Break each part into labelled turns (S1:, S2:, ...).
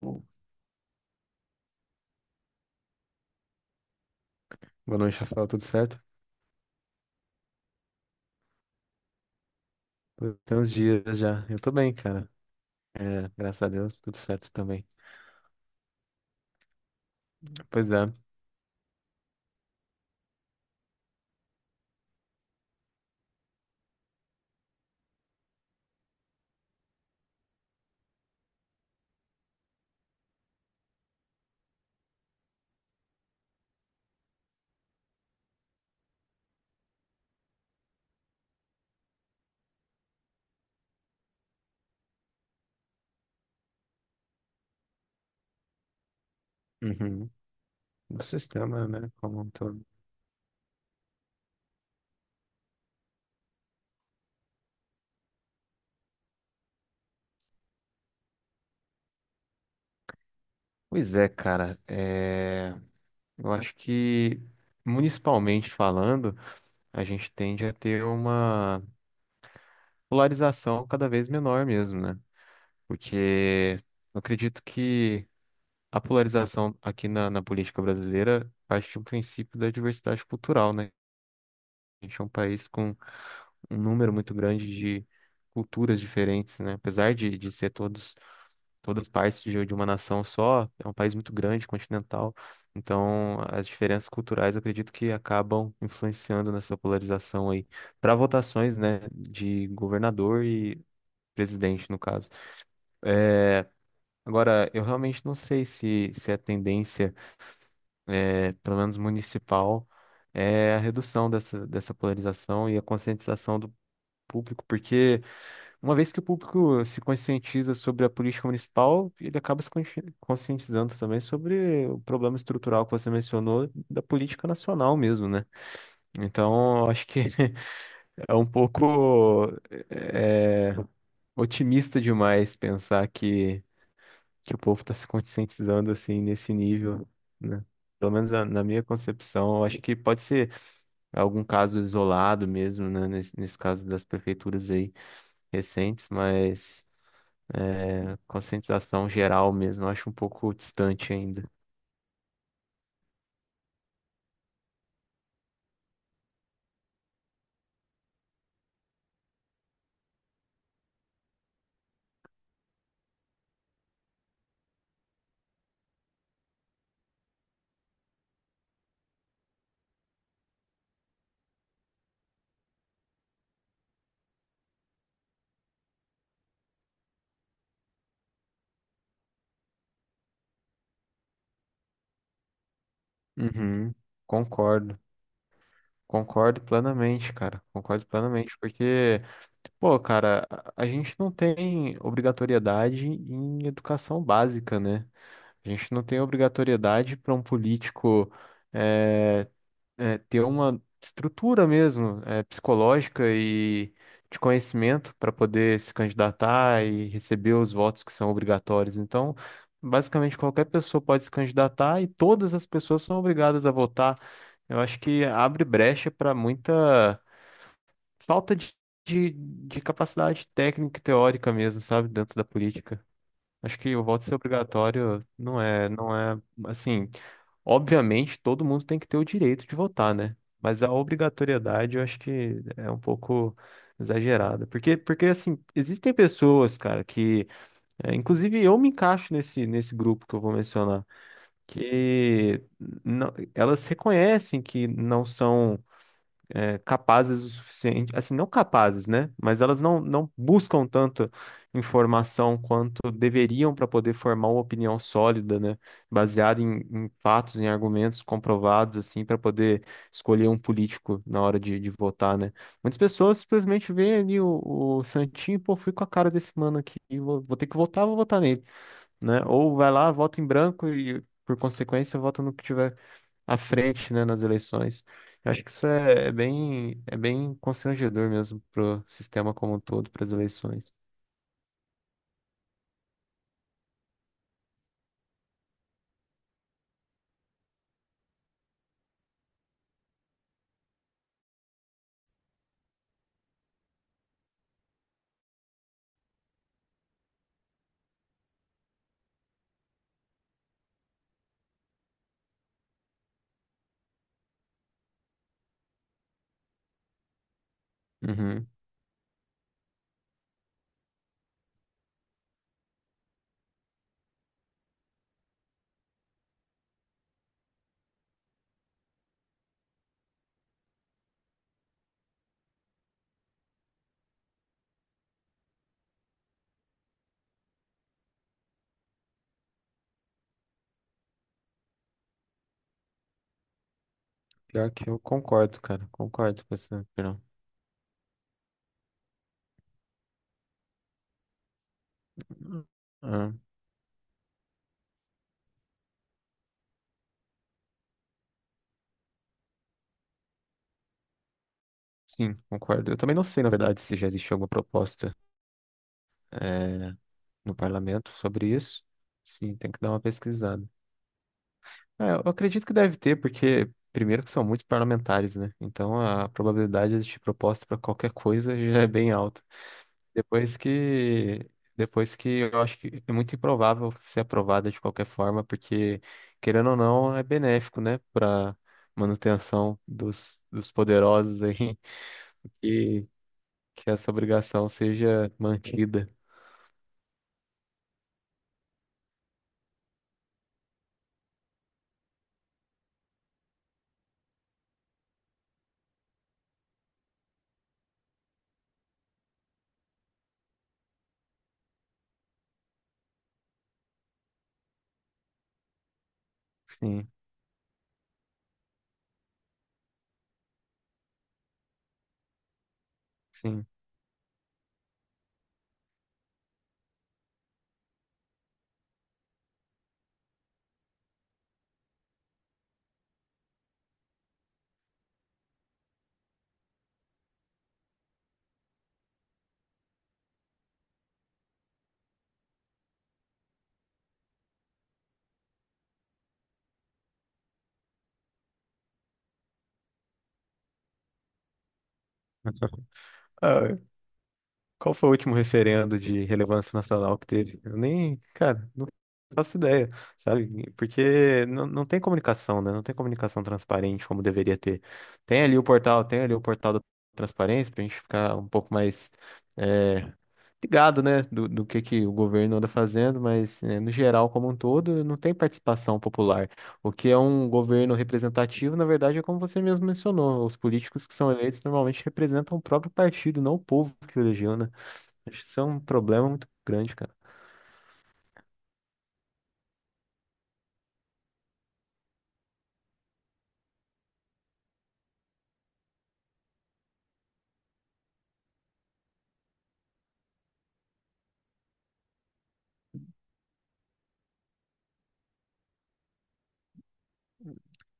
S1: Boa noite, Rafael. Tudo certo? Pô, tem uns dias já. Eu tô bem, cara. É, graças a Deus, tudo certo também. Pois é. Uhum. O sistema, né? Como um todo. Pois é, cara. É, eu acho que, municipalmente falando, a gente tende a ter uma polarização cada vez menor mesmo, né? Porque eu acredito que a polarização aqui na política brasileira parte de um princípio da diversidade cultural, né? A gente é um país com um número muito grande de culturas diferentes, né? Apesar de ser todos, todas partes de uma nação só, é um país muito grande, continental. Então, as diferenças culturais, eu acredito que acabam influenciando nessa polarização aí para votações, né, de governador e presidente, no caso. É, agora, eu realmente não sei se é a tendência, é, pelo menos municipal, é a redução dessa polarização e a conscientização do público, porque uma vez que o público se conscientiza sobre a política municipal, ele acaba se consci- conscientizando também sobre o problema estrutural que você mencionou da política nacional mesmo, né? Então, eu acho que é um pouco, é, otimista demais pensar que o povo está se conscientizando assim nesse nível, né? Pelo menos na minha concepção, eu acho que pode ser algum caso isolado mesmo, né? Nesse caso das prefeituras aí recentes, mas, conscientização geral mesmo, eu acho um pouco distante ainda. Uhum, concordo. Concordo plenamente, cara. Concordo plenamente, porque, pô, cara, a gente não tem obrigatoriedade em educação básica, né? A gente não tem obrigatoriedade para um político eh, ter uma estrutura mesmo, é, psicológica e de conhecimento para poder se candidatar e receber os votos que são obrigatórios. Então, basicamente qualquer pessoa pode se candidatar e todas as pessoas são obrigadas a votar. Eu acho que abre brecha para muita falta de capacidade técnica e teórica mesmo, sabe, dentro da política. Acho que o voto ser obrigatório não é, não é assim. Obviamente, todo mundo tem que ter o direito de votar, né? Mas a obrigatoriedade eu acho que é um pouco exagerada. Porque, porque assim, existem pessoas, cara, que, é, inclusive, eu me encaixo nesse, nesse grupo que eu vou mencionar, que elas reconhecem que não são capazes o suficiente, assim, não capazes, né? Mas elas não buscam tanta informação quanto deveriam para poder formar uma opinião sólida, né? Baseada em fatos, em argumentos comprovados, assim, para poder escolher um político na hora de votar, né? Muitas pessoas simplesmente veem ali o Santinho, pô, fui com a cara desse mano aqui, vou ter que votar, vou votar nele, né? Ou vai lá, vota em branco e, por consequência, vota no que tiver à frente, né, nas eleições. Eu acho que isso é, é bem constrangedor mesmo pro sistema como um todo, para as eleições. Uhum. Pior que eu concordo, cara. Concordo com essa opinião. Ah, sim, concordo. Eu também não sei, na verdade, se já existe alguma proposta, eh, no parlamento sobre isso. Sim, tem que dar uma pesquisada. É, eu acredito que deve ter, porque primeiro que são muitos parlamentares, né? Então a probabilidade de existir proposta para qualquer coisa já é bem alta. Depois que depois que eu acho que é muito improvável ser aprovada de qualquer forma, porque querendo ou não é benéfico, né, para manutenção dos poderosos aí que que essa obrigação seja mantida. Sim, sim. Ah, qual foi o último referendo de relevância nacional que teve? Eu nem, cara, não faço ideia, sabe? Porque não tem comunicação, né? Não tem comunicação transparente como deveria ter. Tem ali o portal, tem ali o portal da transparência para a gente ficar um pouco mais, é, ligado, né? Do que o governo anda fazendo, mas é, no geral, como um todo, não tem participação popular. O que é um governo representativo, na verdade, é como você mesmo mencionou: os políticos que são eleitos normalmente representam o próprio partido, não o povo que o elegeu, né? Acho que isso é um problema muito grande, cara.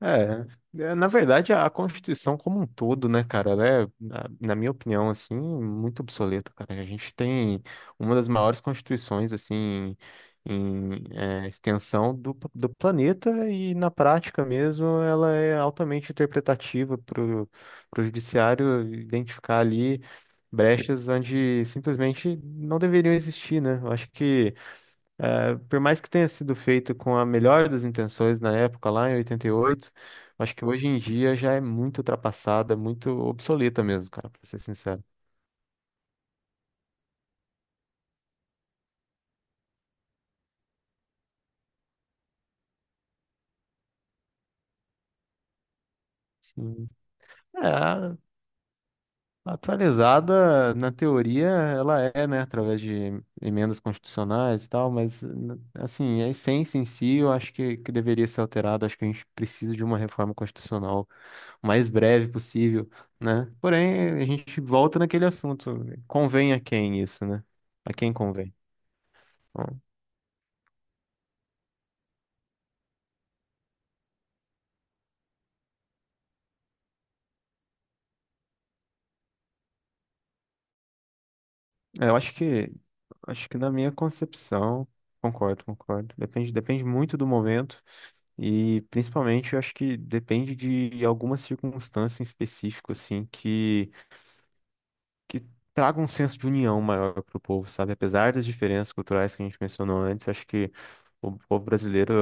S1: É, na verdade, a Constituição como um todo, né, cara, ela é, na minha opinião, assim, muito obsoleta, cara. A gente tem uma das maiores constituições, assim, em, extensão do planeta e, na prática mesmo, ela é altamente interpretativa para o judiciário identificar ali brechas onde simplesmente não deveriam existir, né? Eu acho que, é, por mais que tenha sido feito com a melhor das intenções na época, lá em 88, acho que hoje em dia já é muito ultrapassada, muito obsoleta mesmo, cara, pra ser sincero. Sim. É, atualizada na teoria ela é, né, através de emendas constitucionais e tal, mas, assim, a essência em si eu acho que deveria ser alterada, acho que a gente precisa de uma reforma constitucional o mais breve possível, né? Porém, a gente volta naquele assunto. Convém a quem isso, né? A quem convém? Bom, é, eu acho que, acho que na minha concepção, concordo, concordo. Depende, depende muito do momento e, principalmente, eu acho que depende de alguma circunstância em específico, assim, que traga um senso de união maior para o povo, sabe? Apesar das diferenças culturais que a gente mencionou antes, acho que o povo brasileiro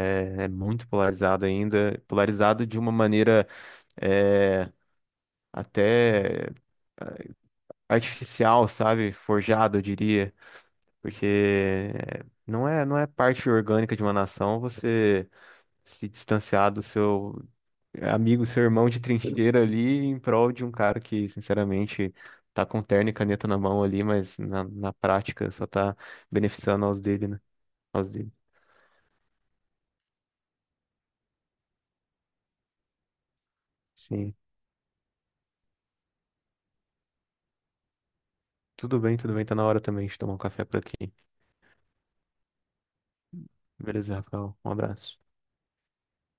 S1: é muito polarizado ainda, polarizado de uma maneira, é, até artificial, sabe? Forjado, eu diria, porque é, não é parte orgânica de uma nação você se distanciar do seu amigo, seu irmão de trincheira ali, em prol de um cara que, sinceramente, tá com terno e caneta na mão ali, mas na prática só tá beneficiando aos dele, né? Aos dele. Sim. Tudo bem, tudo bem. Tá na hora também de tomar um café por aqui. Beleza, Rafael. Um abraço.